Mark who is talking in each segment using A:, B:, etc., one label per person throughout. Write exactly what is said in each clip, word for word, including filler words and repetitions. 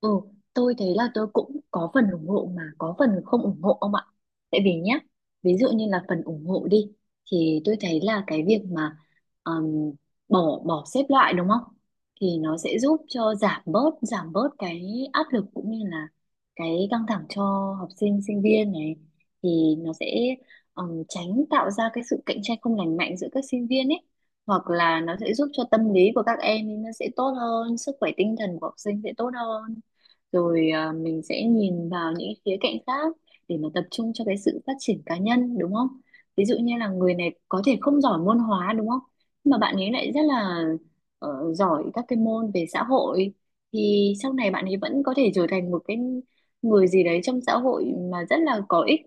A: Ừ, tôi thấy là tôi cũng có phần ủng hộ mà có phần không ủng hộ ông ạ. Tại vì nhá, ví dụ như là phần ủng hộ đi thì tôi thấy là cái việc mà um, bỏ bỏ xếp loại đúng không? Thì nó sẽ giúp cho giảm bớt giảm bớt cái áp lực cũng như là cái căng thẳng cho học sinh sinh viên này thì nó sẽ um, tránh tạo ra cái sự cạnh tranh không lành mạnh giữa các sinh viên ấy, hoặc là nó sẽ giúp cho tâm lý của các em thì nó sẽ tốt hơn, sức khỏe tinh thần của học sinh sẽ tốt hơn rồi à, mình sẽ nhìn vào những khía cạnh khác để mà tập trung cho cái sự phát triển cá nhân đúng không? Ví dụ như là người này có thể không giỏi môn hóa đúng không? Nhưng mà bạn ấy lại rất là ờ, giỏi các cái môn về xã hội thì sau này bạn ấy vẫn có thể trở thành một cái người gì đấy trong xã hội mà rất là có ích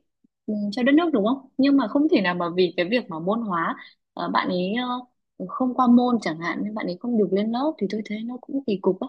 A: ừ, cho đất nước đúng không? Nhưng mà không thể nào mà vì cái việc mà môn hóa ờ, bạn ấy ờ, không qua môn chẳng hạn nên bạn ấy không được lên lớp thì tôi thấy nó cũng kỳ cục á.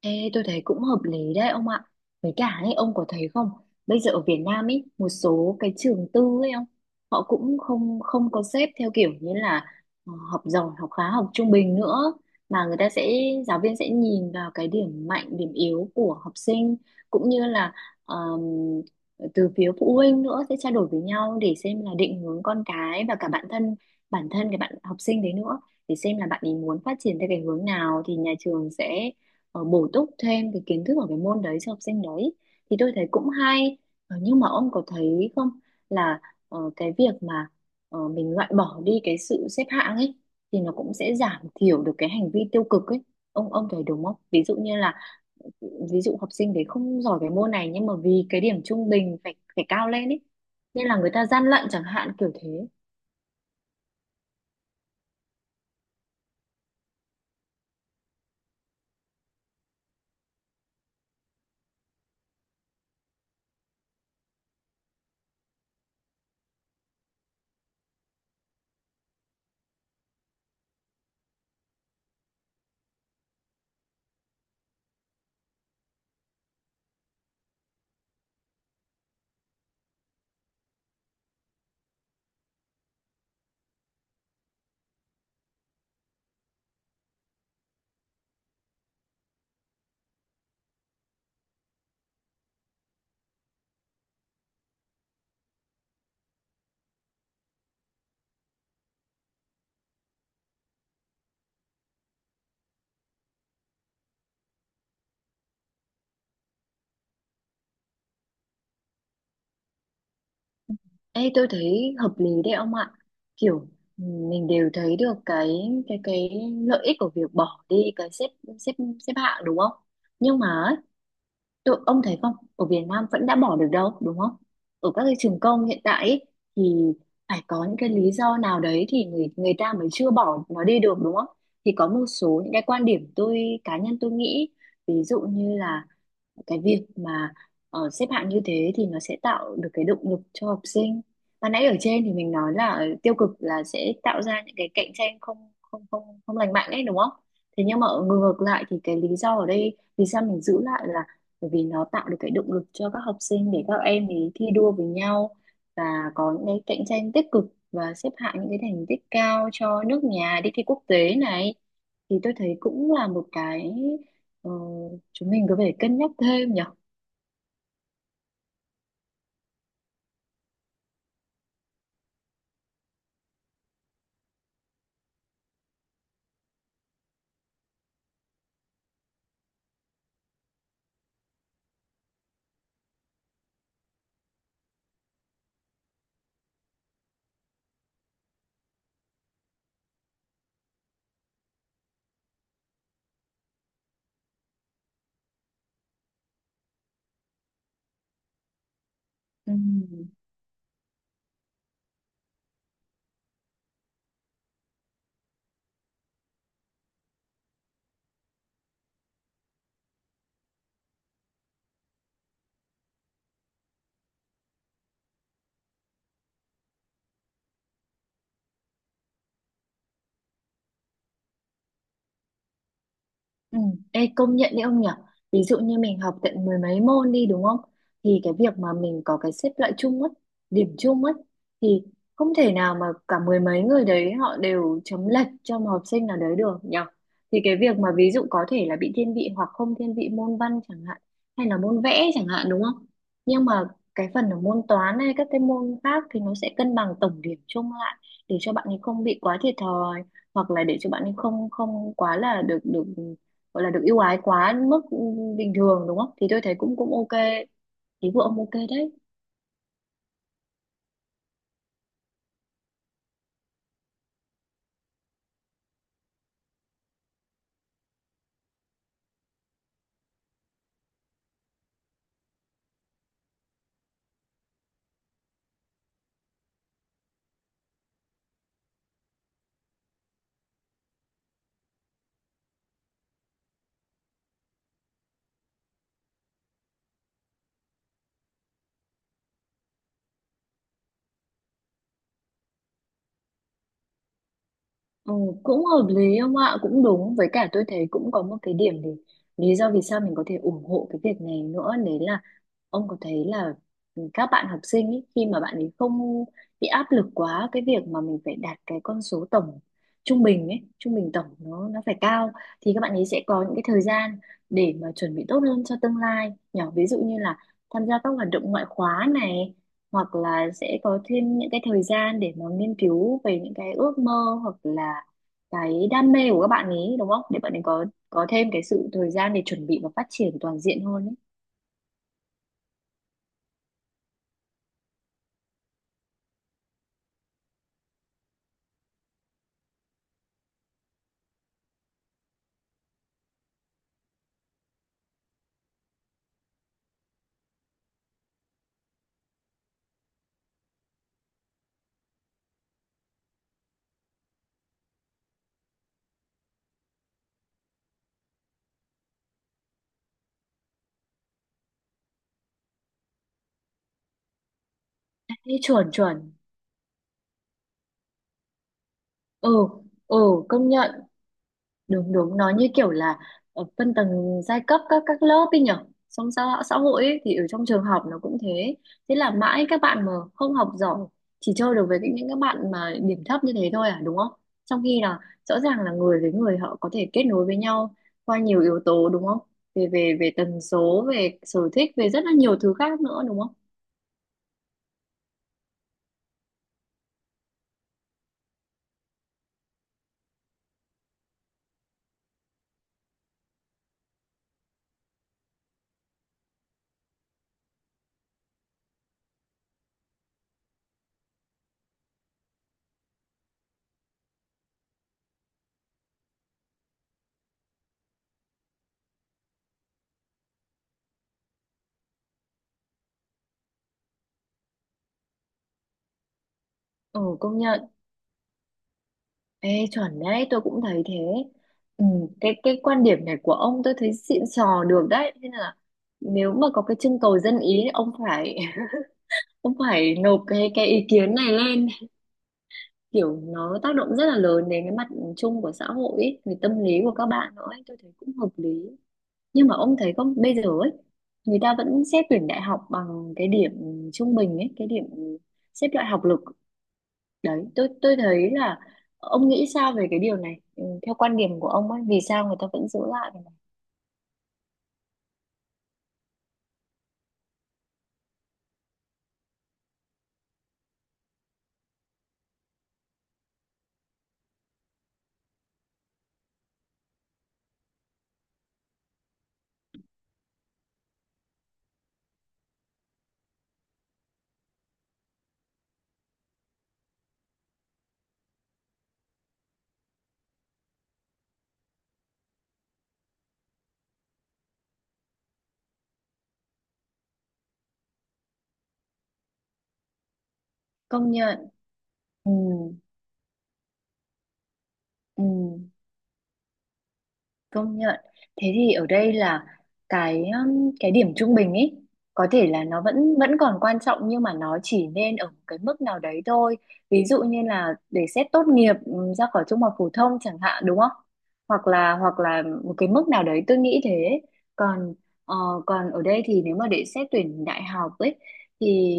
A: Ê, tôi thấy cũng hợp lý đấy ông ạ. Với cả ấy, ông có thấy không? Bây giờ ở Việt Nam ấy, một số cái trường tư ấy ông, họ cũng không không có xếp theo kiểu như là ờ, học giỏi, học khá, học trung bình nữa mà người ta sẽ giáo viên sẽ nhìn vào cái điểm mạnh, điểm yếu của học sinh cũng như là ờm, từ phía phụ huynh nữa sẽ trao đổi với nhau để xem là định hướng con cái và cả bản thân bản thân cái bạn học sinh đấy nữa, để xem là bạn ấy muốn phát triển theo cái hướng nào thì nhà trường sẽ ờ, bổ túc thêm cái kiến thức ở cái môn đấy cho học sinh đấy thì tôi thấy cũng hay. Ờ, nhưng mà ông có thấy không là ờ, cái việc mà ờ, mình loại bỏ đi cái sự xếp hạng ấy thì nó cũng sẽ giảm thiểu được cái hành vi tiêu cực ấy, ông ông thấy đúng không? Ví dụ như là, ví dụ học sinh đấy không giỏi cái môn này nhưng mà vì cái điểm trung bình phải phải cao lên ấy nên là người ta gian lận chẳng hạn kiểu thế. Ê, tôi thấy hợp lý đấy ông ạ. Kiểu ừ, mình đều thấy được cái cái cái lợi ích của việc bỏ đi cái xếp xếp xếp hạng đúng không? Nhưng mà ấy, tôi ông thấy không, ở Việt Nam vẫn đã bỏ được đâu, đúng không? Ở các cái trường công hiện tại ấy, thì phải có những cái lý do nào đấy thì người người ta mới chưa bỏ nó đi được đúng không? Thì có một số những cái quan điểm tôi, cá nhân tôi nghĩ ví dụ như là cái việc mà ờ, xếp hạng như thế thì nó sẽ tạo được cái động lực cho học sinh, và nãy ở trên thì mình nói là tiêu cực là sẽ tạo ra những cái cạnh tranh không không không không lành mạnh ấy đúng không, thế nhưng mà ở ngược lại thì cái lý do ở đây vì sao mình giữ lại là bởi vì nó tạo được cái động lực cho các học sinh để các em ấy thi đua với nhau, và có những cái cạnh tranh tích cực và xếp hạng những cái thành tích cao cho nước nhà đi thi quốc tế này thì tôi thấy cũng là một cái, ờ, chúng mình có thể cân nhắc thêm nhỉ. Ừm, Ừ. Ê, công nhận đấy ông nhỉ, ví dụ như mình học tận mười mấy môn đi đúng không thì cái việc mà mình có cái xếp loại chung á, điểm chung á thì không thể nào mà cả mười mấy người đấy họ đều chấm lệch cho một học sinh nào đấy được nhỉ, thì cái việc mà ví dụ có thể là bị thiên vị hoặc không thiên vị môn văn chẳng hạn hay là môn vẽ chẳng hạn đúng không, nhưng mà cái phần ở môn toán hay các cái môn khác thì nó sẽ cân bằng tổng điểm chung lại để cho bạn ấy không bị quá thiệt thòi, hoặc là để cho bạn ấy không không quá là được được gọi là được ưu ái quá mức bình thường đúng không thì tôi thấy cũng cũng ok. Ý của ông ok đấy. Ừ, cũng hợp lý ông ạ, cũng đúng, với cả tôi thấy cũng có một cái điểm để, lý do vì sao mình có thể ủng hộ cái việc này nữa đấy là, ông có thấy là các bạn học sinh ý, khi mà bạn ấy không bị áp lực quá cái việc mà mình phải đạt cái con số tổng trung bình ấy, trung bình tổng nó nó phải cao thì các bạn ấy sẽ có những cái thời gian để mà chuẩn bị tốt hơn cho tương lai nhỏ, ví dụ như là tham gia các hoạt động ngoại khóa này, hoặc là sẽ có thêm những cái thời gian để mà nghiên cứu về những cái ước mơ hoặc là cái đam mê của các bạn ấy đúng không, để bạn ấy có có thêm cái sự thời gian để chuẩn bị và phát triển toàn diện hơn ấy. Thế chuẩn chuẩn, ừ, ừ, công nhận, đúng đúng, nó như kiểu là ở phân tầng giai cấp các các lớp ấy nhở, trong xã, xã hội ấy, thì ở trong trường học nó cũng thế, thế là mãi các bạn mà không học giỏi chỉ chơi được với những những các bạn mà điểm thấp như thế thôi à đúng không, trong khi là rõ ràng là người với người họ có thể kết nối với nhau qua nhiều yếu tố đúng không, về về về tần số, về sở thích, về rất là nhiều thứ khác nữa đúng không, ừ công nhận. Ê, chuẩn đấy, tôi cũng thấy thế. Ừ, cái cái quan điểm này của ông tôi thấy xịn sò được đấy. Thế là nếu mà có cái trưng cầu dân ý thì ông phải ông phải nộp cái cái ý kiến này lên, kiểu nó tác động rất là lớn đến cái mặt chung của xã hội ấy, về tâm lý của các bạn nữa ấy, tôi thấy cũng hợp lý. Nhưng mà ông thấy không bây giờ ấy, người ta vẫn xét tuyển đại học bằng cái điểm trung bình ấy, cái điểm xếp loại học lực đấy, tôi tôi thấy là ông nghĩ sao về cái điều này, ừ, theo quan điểm của ông ấy vì sao người ta vẫn giữ lại cái này? Công nhận, ừ, ừ. Công nhận. Thế thì ở đây là cái um, cái điểm trung bình ấy có thể là nó vẫn vẫn còn quan trọng nhưng mà nó chỉ nên ở cái mức nào đấy thôi. Ví dụ như là để xét tốt nghiệp um, ra khỏi trung học phổ thông chẳng hạn đúng không? Hoặc là hoặc là một cái mức nào đấy tôi nghĩ thế. Còn ờ, còn ở đây thì nếu mà để xét tuyển đại học ấy thì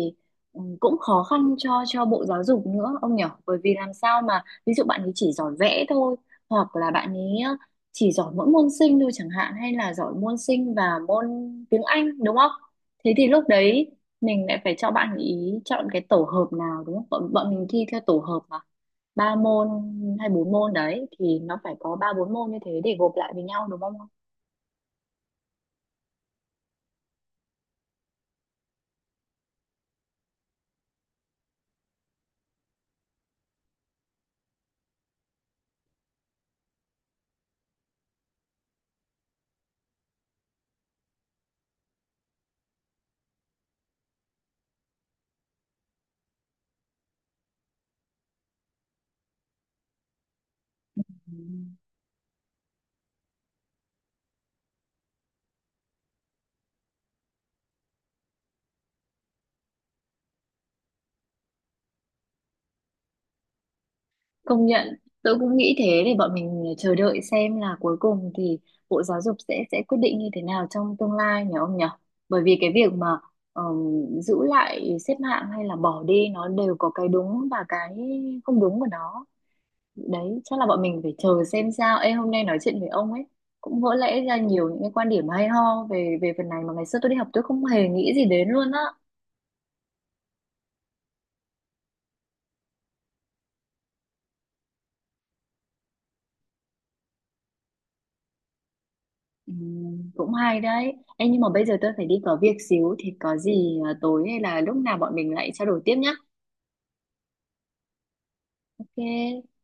A: um, cũng khó khăn cho cho Bộ Giáo dục nữa ông nhỉ? Bởi vì làm sao mà ví dụ bạn ấy chỉ giỏi vẽ thôi, hoặc là bạn ấy chỉ giỏi mỗi môn sinh thôi chẳng hạn, hay là giỏi môn sinh và môn tiếng Anh đúng không? Thế thì lúc đấy mình lại phải cho bạn ý chọn cái tổ hợp nào đúng không? Bọn, bọn mình thi theo tổ hợp mà ba môn hay bốn môn đấy thì nó phải có ba bốn môn như thế để gộp lại với nhau đúng không? Công nhận, tôi cũng nghĩ thế, để bọn mình chờ đợi xem là cuối cùng thì Bộ Giáo dục sẽ sẽ quyết định như thế nào trong tương lai nhỉ ông nhỉ? Bởi vì cái việc mà ờm, giữ lại xếp hạng hay là bỏ đi nó đều có cái đúng và cái không đúng của nó. Đấy, chắc là bọn mình phải chờ xem sao. Ê, hôm nay nói chuyện với ông ấy cũng vỡ lẽ ra nhiều những cái quan điểm hay ho về về phần này mà ngày xưa tôi đi học tôi không hề nghĩ gì đến luôn á. Ừ, cũng hay đấy. Ê, nhưng mà bây giờ tôi phải đi có việc xíu thì có gì à, tối hay là lúc nào bọn mình lại trao đổi tiếp nhá. Ok,